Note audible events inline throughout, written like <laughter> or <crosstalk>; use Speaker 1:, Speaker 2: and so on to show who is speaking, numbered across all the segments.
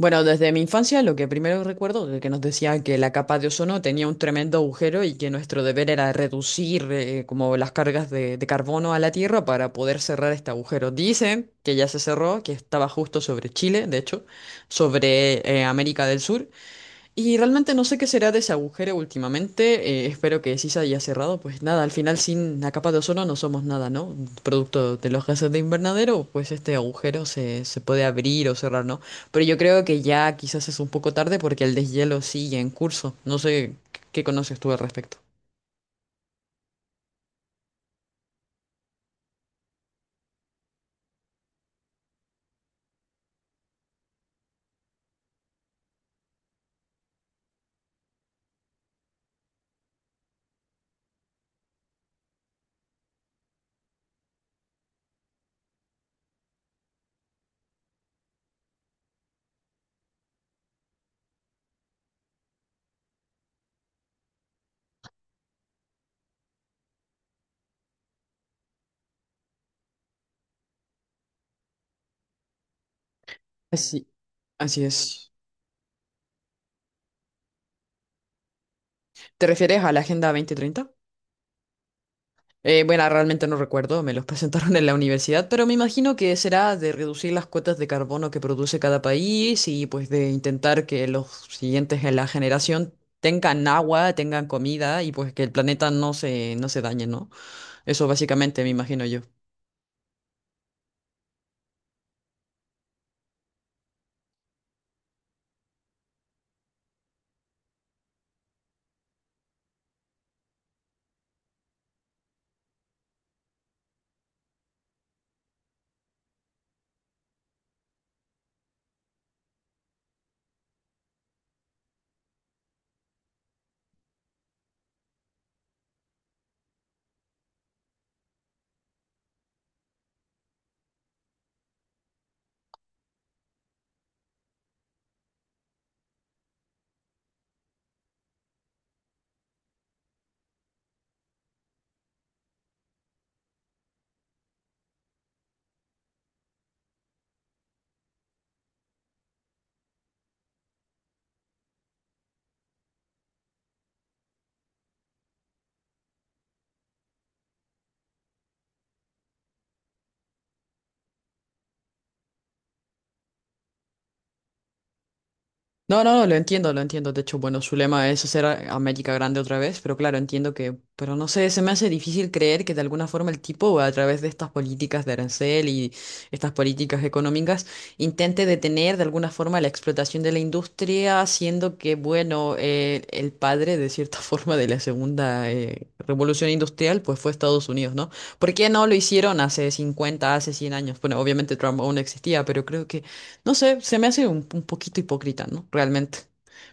Speaker 1: Bueno, desde mi infancia lo que primero recuerdo es que nos decían que la capa de ozono tenía un tremendo agujero y que nuestro deber era reducir como las cargas de carbono a la Tierra para poder cerrar este agujero. Dicen que ya se cerró, que estaba justo sobre Chile, de hecho, sobre América del Sur. Y realmente no sé qué será de ese agujero últimamente. Espero que sí se haya cerrado. Pues nada, al final sin la capa de ozono no somos nada, ¿no? Producto de los gases de invernadero, pues este agujero se puede abrir o cerrar, ¿no? Pero yo creo que ya quizás es un poco tarde porque el deshielo sigue en curso. No sé qué conoces tú al respecto. Así, así es. ¿Te refieres a la Agenda 2030? Bueno, realmente no recuerdo, me los <laughs> presentaron en la universidad, pero me imagino que será de reducir las cuotas de carbono que produce cada país y pues de intentar que los siguientes en la generación tengan agua, tengan comida y pues que el planeta no se dañe, ¿no? Eso básicamente me imagino yo. No, no, no, lo entiendo, lo entiendo. De hecho, bueno, su lema es hacer a América grande otra vez, pero claro, entiendo que, pero no sé, se me hace difícil creer que de alguna forma el tipo, a través de estas políticas de arancel y estas políticas económicas, intente detener de alguna forma la explotación de la industria, haciendo que, bueno, el padre, de cierta <laughs> forma, de la segunda revolución industrial, pues fue Estados Unidos, ¿no? ¿Por qué no lo hicieron hace 50, hace 100 años? Bueno, obviamente Trump aún no existía, pero creo no sé, se me hace un poquito hipócrita, ¿no? Realmente.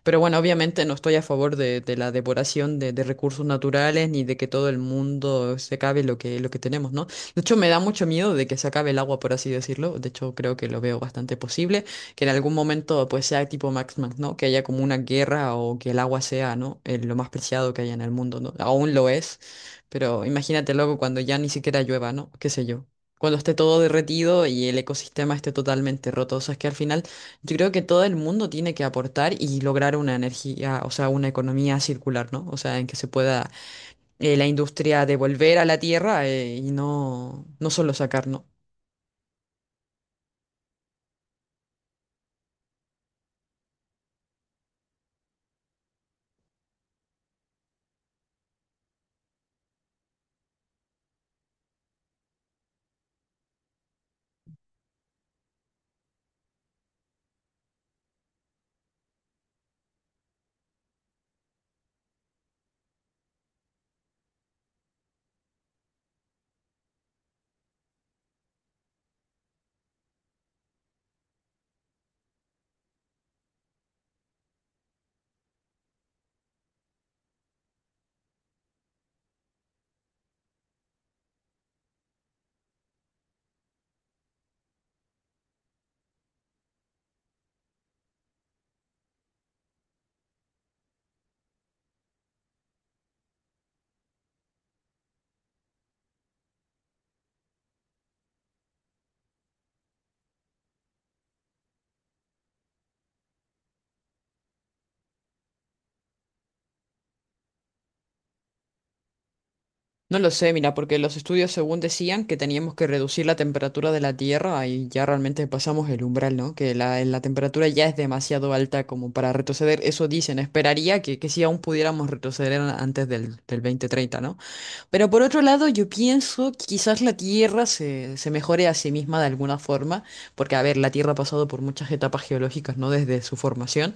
Speaker 1: Pero bueno, obviamente no estoy a favor de la devoración de recursos naturales ni de que todo el mundo se acabe lo que tenemos, ¿no? De hecho, me da mucho miedo de que se acabe el agua, por así decirlo. De hecho, creo que lo veo bastante posible, que en algún momento pues sea tipo Max Max, ¿no? Que haya como una guerra o que el agua sea, ¿no? Lo más preciado que haya en el mundo, ¿no? Aún lo es, pero imagínate luego cuando ya ni siquiera llueva, ¿no? ¿Qué sé yo? Cuando esté todo derretido y el ecosistema esté totalmente roto. O sea, es que al final yo creo que todo el mundo tiene que aportar y lograr una energía, o sea, una economía circular, ¿no? O sea, en que se pueda la industria devolver a la tierra y no, no solo sacar, ¿no? No lo sé, mira, porque los estudios según decían que teníamos que reducir la temperatura de la Tierra y ya realmente pasamos el umbral, ¿no? Que la temperatura ya es demasiado alta como para retroceder. Eso dicen, esperaría que sí aún pudiéramos retroceder antes del 2030, ¿no? Pero por otro lado, yo pienso que quizás la Tierra se mejore a sí misma de alguna forma, porque, a ver, la Tierra ha pasado por muchas etapas geológicas, ¿no? Desde su formación.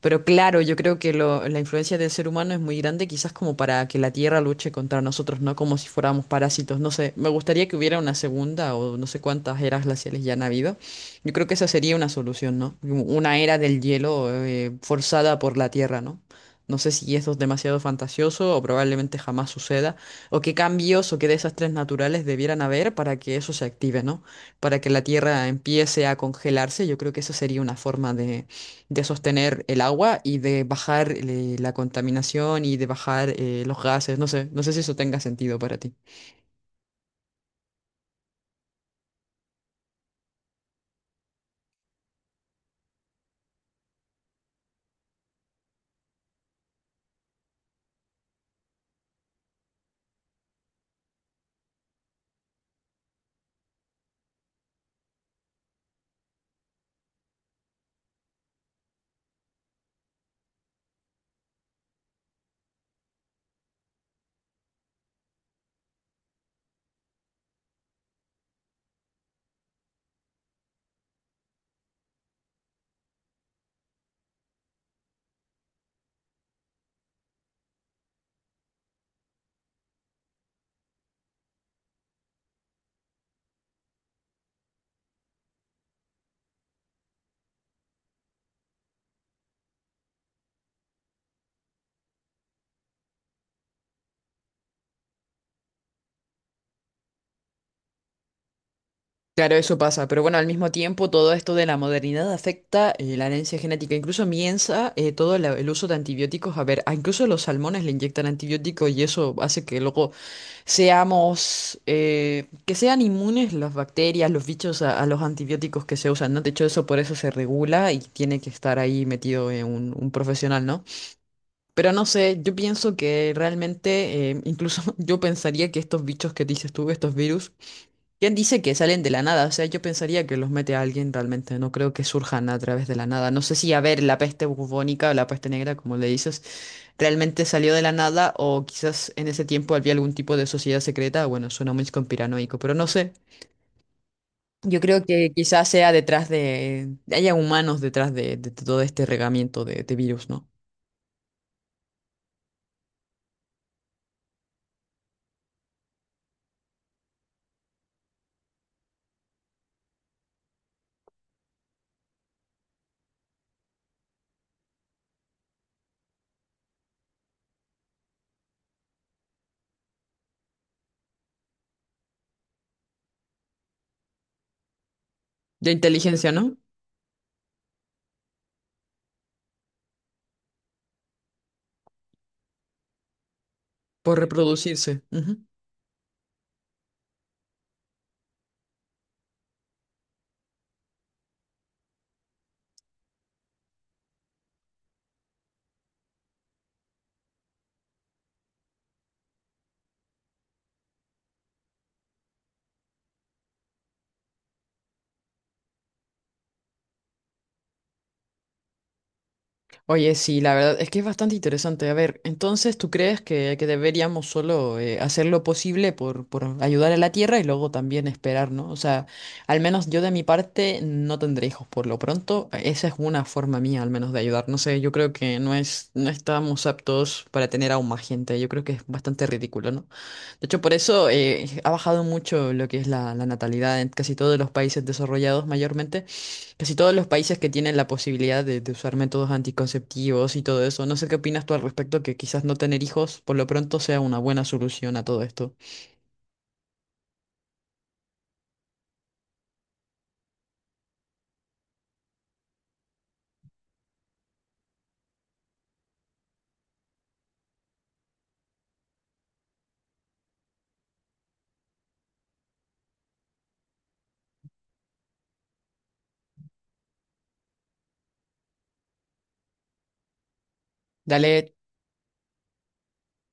Speaker 1: Pero claro, yo creo que la influencia del ser humano es muy grande, quizás como para que la Tierra luche contra nosotros, ¿no? Como si fuéramos parásitos. No sé, me gustaría que hubiera una segunda o no sé cuántas eras glaciales ya han habido. Yo creo que esa sería una solución, ¿no? Una era del hielo forzada por la Tierra, ¿no? No sé si eso es demasiado fantasioso o probablemente jamás suceda, o qué cambios o qué desastres naturales debieran haber para que eso se active, ¿no? Para que la Tierra empiece a congelarse, yo creo que eso sería una forma de sostener el agua y de bajar la contaminación y de bajar los gases. No sé, no sé si eso tenga sentido para ti. Claro, eso pasa, pero bueno, al mismo tiempo todo esto de la modernidad afecta la herencia genética. Incluso miensa todo el uso de antibióticos. A ver, a incluso los salmones le inyectan antibióticos y eso hace que luego seamos, que sean inmunes las bacterias, los bichos a los antibióticos que se usan, ¿no? De hecho, eso por eso se regula y tiene que estar ahí metido un profesional, ¿no? Pero no sé, yo pienso que realmente, incluso <laughs> yo pensaría que estos bichos que dices tú, estos virus, ¿quién dice que salen de la nada? O sea, yo pensaría que los mete a alguien realmente, no creo que surjan a través de la nada. No sé si, a ver, la peste bubónica o la peste negra, como le dices, realmente salió de la nada o quizás en ese tiempo había algún tipo de sociedad secreta. Bueno, suena muy conspiranoico, pero no sé. Yo creo que quizás sea detrás de, haya humanos detrás de todo este regamiento de virus, ¿no? De inteligencia, ¿no? Por reproducirse. Ujú. Oye, sí, la verdad es que es bastante interesante. A ver, entonces, ¿tú crees que deberíamos solo hacer lo posible por ayudar a la Tierra y luego también esperar, ¿no? O sea, al menos yo de mi parte no tendré hijos por lo pronto. Esa es una forma mía al menos de ayudar. No sé, yo creo que no es, no estamos aptos para tener aún más gente. Yo creo que es bastante ridículo, ¿no? De hecho, por eso ha bajado mucho lo que es la natalidad en casi todos los países desarrollados mayormente. Casi todos los países que tienen la posibilidad de usar métodos anticonceptivos y todo eso, no sé qué opinas tú al respecto, que quizás no tener hijos por lo pronto sea una buena solución a todo esto. Dale